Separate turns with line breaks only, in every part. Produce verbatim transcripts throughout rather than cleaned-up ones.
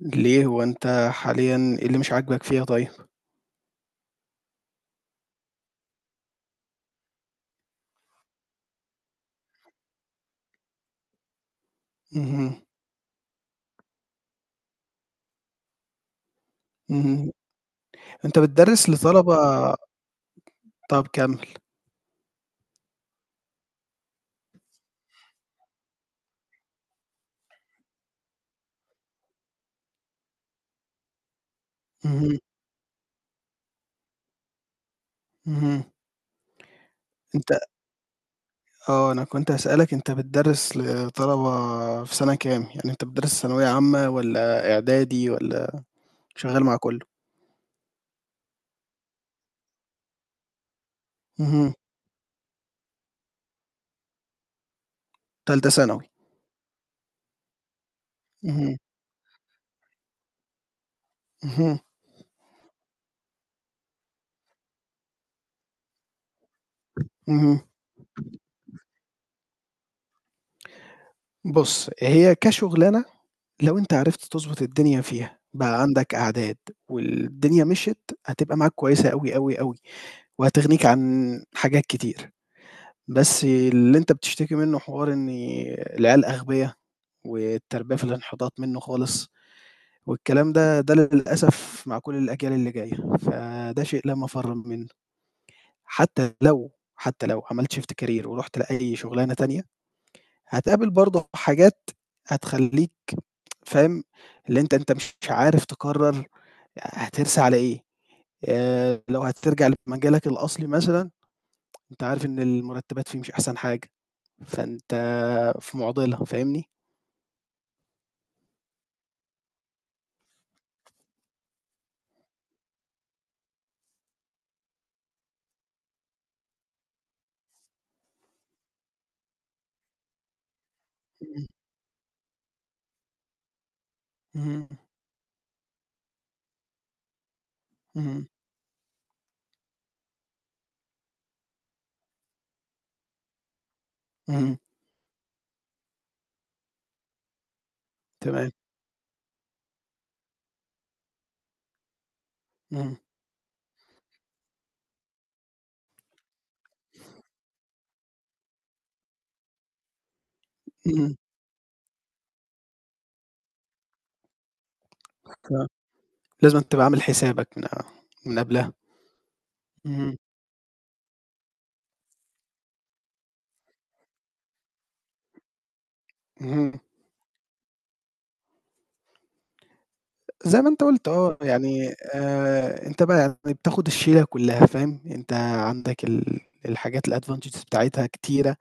ليه هو أنت حاليًا إيه اللي مش عاجبك فيها طيب؟ اهم، اهم، أنت بتدرّس لطلبة طَب كمّل. اهم، اهم، أنت آه، أنا كنت هاسألك أنت بتدرّس لطلبة في سَنة كام؟ يعني أنت بتدرّس ثانوية عامة والّا إعدادي والّا شغّال مع كلّه؟ اهم، تالتة ثانوي. اهم، اهم، اهم. بُص، هي كشُغلانة لو أنت عرفت تضبط الدنيا فيها، بقى عندك أعداد والدنيا مشيت، هتبقى معاك كويسة أوي، أوي، أوي. وهتغنيك عن حاجات كتير، بس اللي أنت بتشتكي منه حوار إن العيال أغبيا، والتربية في الانحطاط منه خالص، والكلام ده، ده للأسف مع كل الأجيال اللي جاية، فده شيء لا مفر منه، حتى لو حتى لو عملت shift career ورُحت لأي شغلانة تانية، هتقابل برضه حاجات هتخلّيك فاهم، اللي أنت أنت مش عارف تقرر هترسى على إيه، آآ، لو هترجع لمجالك الأصلي مثلًا، أنت عارف إن المرتبات فيه مش أحسن حاجة. فأنت في معضلة، فاهمني؟ إمم، اهم، اهم، اهم، تمام، اهم، اهم، فلازمًا تبقى عامل حسابك من من قبلها، اهم، اهم، زي ما أنت قُلت آه، يعني آآ، أنت بقى يعني بتاخد الشيلة كلّها فاهم، أنت عندك ال الحاجات الadvantages بتاعتها كتيرة،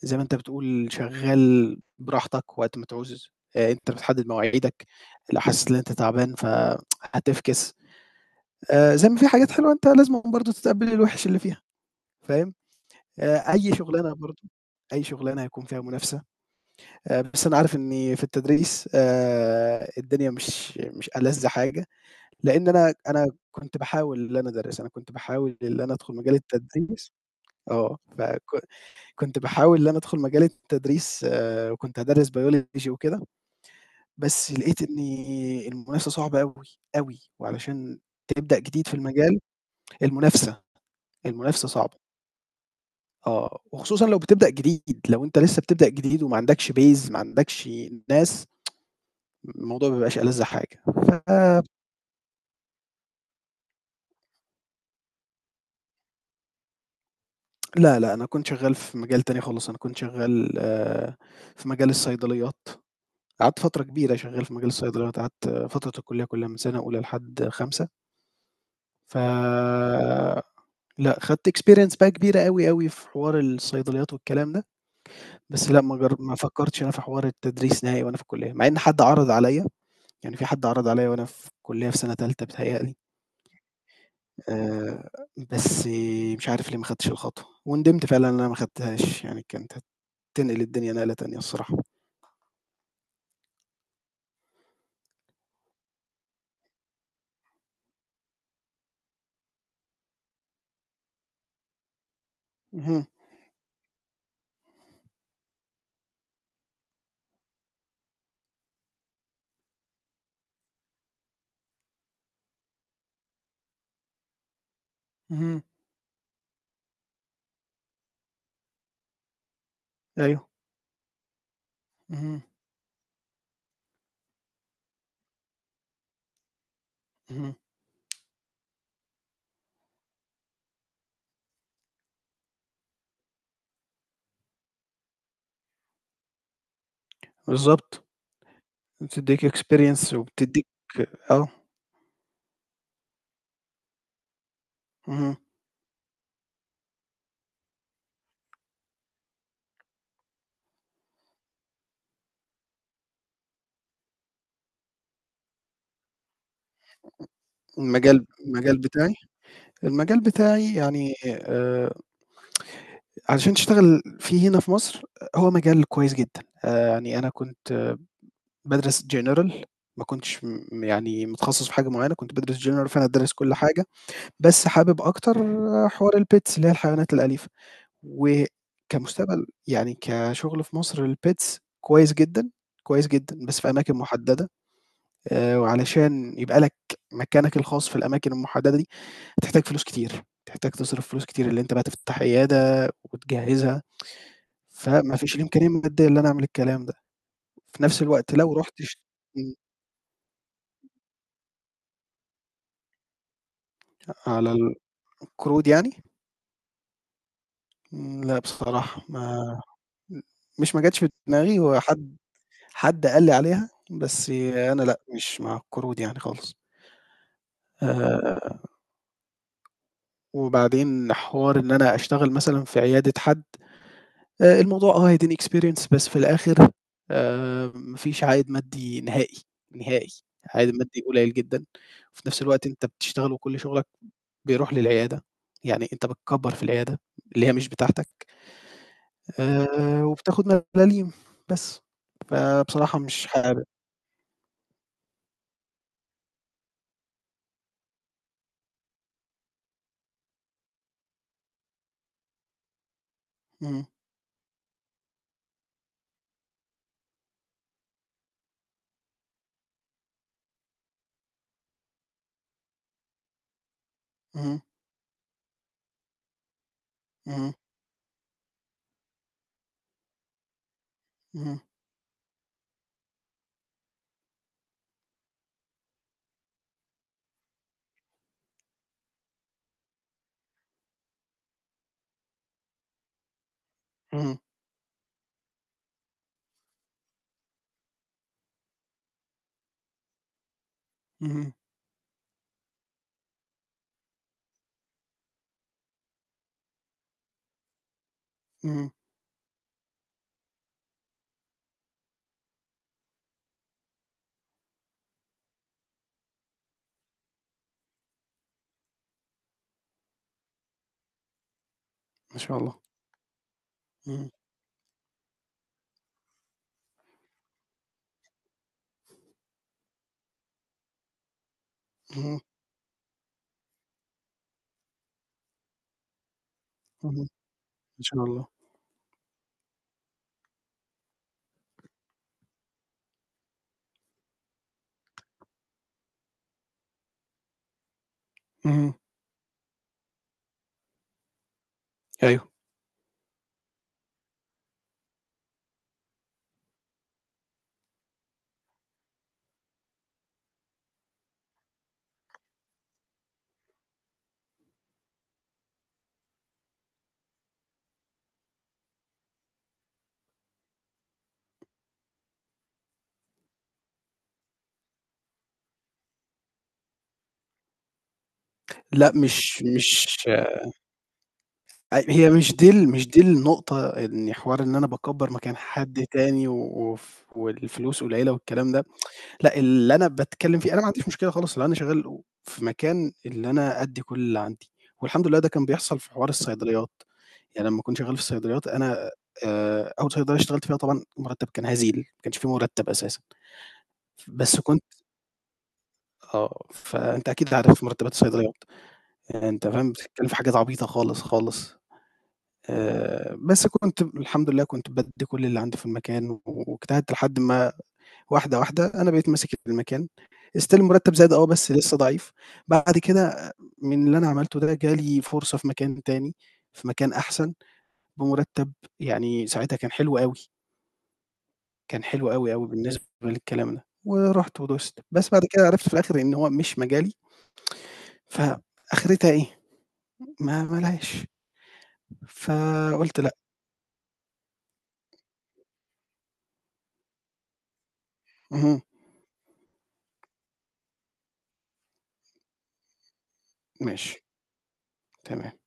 زي ما أنت بتقول شغّال براحتك وقت ما تعوز، آآ، أنت بتحدد مواعيدك، لو حسيت إن أنت تعبان فهتفكس. آآ زي ما في حاجات حلوة أنت لازمًا برضه تتقبّل الوِحِش اللي فيها، فاهم؟ آآ أي شُغلانة برضه أي شُغلانة هيكون فيها منافسة، آآ بس أنا عارف إنّي في التدريس آآ الدنيا مش مش ألَذ حاجة، لإن أنا أنا كنت باحاول إن أنا أدرّس، أنا كنت باحاول إن أنا أدخُل مجال التدريس آه، فك كنت باحاول إن أنا أدخُل مجال التدريس آآ وكنت هادرّس biology وكده، بس لقيت إنّي المنافسة صعبة أوي، أوي، وعلشان تبدأ جديد في المجال المنافسة، المنافسة صعبة. آه، وخصوصًا لو بتبدأ جديد، لو أنت لسه بتبدأ جديد وما عندكش base ما عندكش ناس، الموضوع ما بيبقاش ألذ حاجة. ف لا، لا، أنا كنت شغّال في مجال تاني خالص، أنا كنت شغّال آآ، في مجال الصيدليات، قعدت فترة كبيرة شغّال في مجال الصيدليات، قعدت فترة الكلية كلها من سنة أولى لحد خامسة، ف لأ، خدت experience بقى كبيرة أوي، أوي في حوار الصيدليات والكلام ده، بس لأ، ما جر ما فكّرتش أنا في حوار التدريس نهائي وأنا في الكلية، مع إن حد عرض عليَّ يعني في حد عرض عليّا وأنا في كُلّية في سَنة تالتة بيتهيأ لي، آآ بس مش عارف ليه ما خدتش الخطوة، وندمت فعلًا إن أنا ما خدتهاش، يعني كانت هتنقل الدنيا نقلة تانية الصراحة. اهم، اهم، أيوه، اهم، اهم، بالضبط، بتدّيك experience وبتدّيك آه، اهم، المجال المجال بتاعي المجال بتاعي يعني آآ علشان تشتغل فيه هنا في مصر، آه، هو مجال كويس جدًا، آآ يعني أنا كنت بادرس general ما كنتش م يعني متخصص في حاجة معيّنة، كنت بادرس general فأنا دارس كل حاجة، بس حابب أكتر حوار الpets اللي هي الحيوانات الأليفة، وكمستقبل يعني كشغل في مصر الpets كويس جدًا، كويس جدًا، بس في أماكن محددة، آآ، وعلشان يبقى لك مكانك الخاص في الأماكن المحددة دي، هتحتاج فلوس كتير، هتحتاج تصرف فلوس كتير، اللي أنت بقى تفتح عيادة وتجهّزها، فما فيش الإمكانية المادية اللي أنا أعمل الكلام ده، في نفس الوقت لو رُحت اش إمم، على ال قرود يعني؟ إمم، لأ بصراحة ما مش ما جاتش في دماغي، هو حد حد قال لي عليها، بس أنا لأ، مش مع القرود يعني خالص. آآ، وبعدين حوار إن أنا أشتغل مثلًا في عيادة حد، آآ، الموضوع آه هيديني experience بس في الآخر آآ، ما فيش عائد مادي نهائي، نهائي، عائد مادي قليل جدًا، وفي نفس الوقت أنت بتشتغل وكل شغلك بيروح للعيادة، يعني أنت بتكبّر في العيادة اللي هي مش بتاعتك. آآ وبتاخد ملاليم، بس. فبصراحة مش حابب. إمم، اهم، اهم، اهم، اهم، اهم، اهم، ما شاء الله. اهم، اهم، اهم، ما شاء الله. اهم، أيوه. لأ مش مش أ هي مش دي ال مش دي النقطة، إن حوار إن أنا باكبّر مكان حد تاني و وف والفلوس قليلة والكلام ده، لأ اللي أنا باتكلّم فيه أنا ما عنديش مشكلة خالص لو أنا شغال و في مكان اللي أنا أدّي كل اللي عندي، والحمد لله ده كان بيحصل في حوار الصيدليات. يعني لمّا كنت شغّال في الصيدليات أنا آآ أول صيدلية اشتغلت فيها طبعًا المرتّب كان هزيل، ما كانش في مرتّب أساسًا، بس كنت آه، فأنت أكيد عارف مرتّبات الصيدليات، يعني أنت فاهم بتتكلّم في حاجات عبيطة خالص، خالص آآ، بس كنت الحمد لله كنت بادّي كل اللي عندي في المكان واجتهدت لحد ما واحدة، واحدة أنا بقيت ماسك المكان still المرتّب زاد آه، بس لسه ضعيف، بعد كده آه، من اللي أنا عملته ده جه لي فرصة في مكان تاني، في مكان أحسن بمرتّب يعني ساعتها كان حلو أوي. كان حلو أوي، أوي بالنسبة للكلام ده، ورُحت ودُست، بس بعد كده عرفت في الآخر إن هو مش مجالي، فآخرتها إيه، ما ما لهاش، فقُلت لأ، اهم، ماشي، تمام.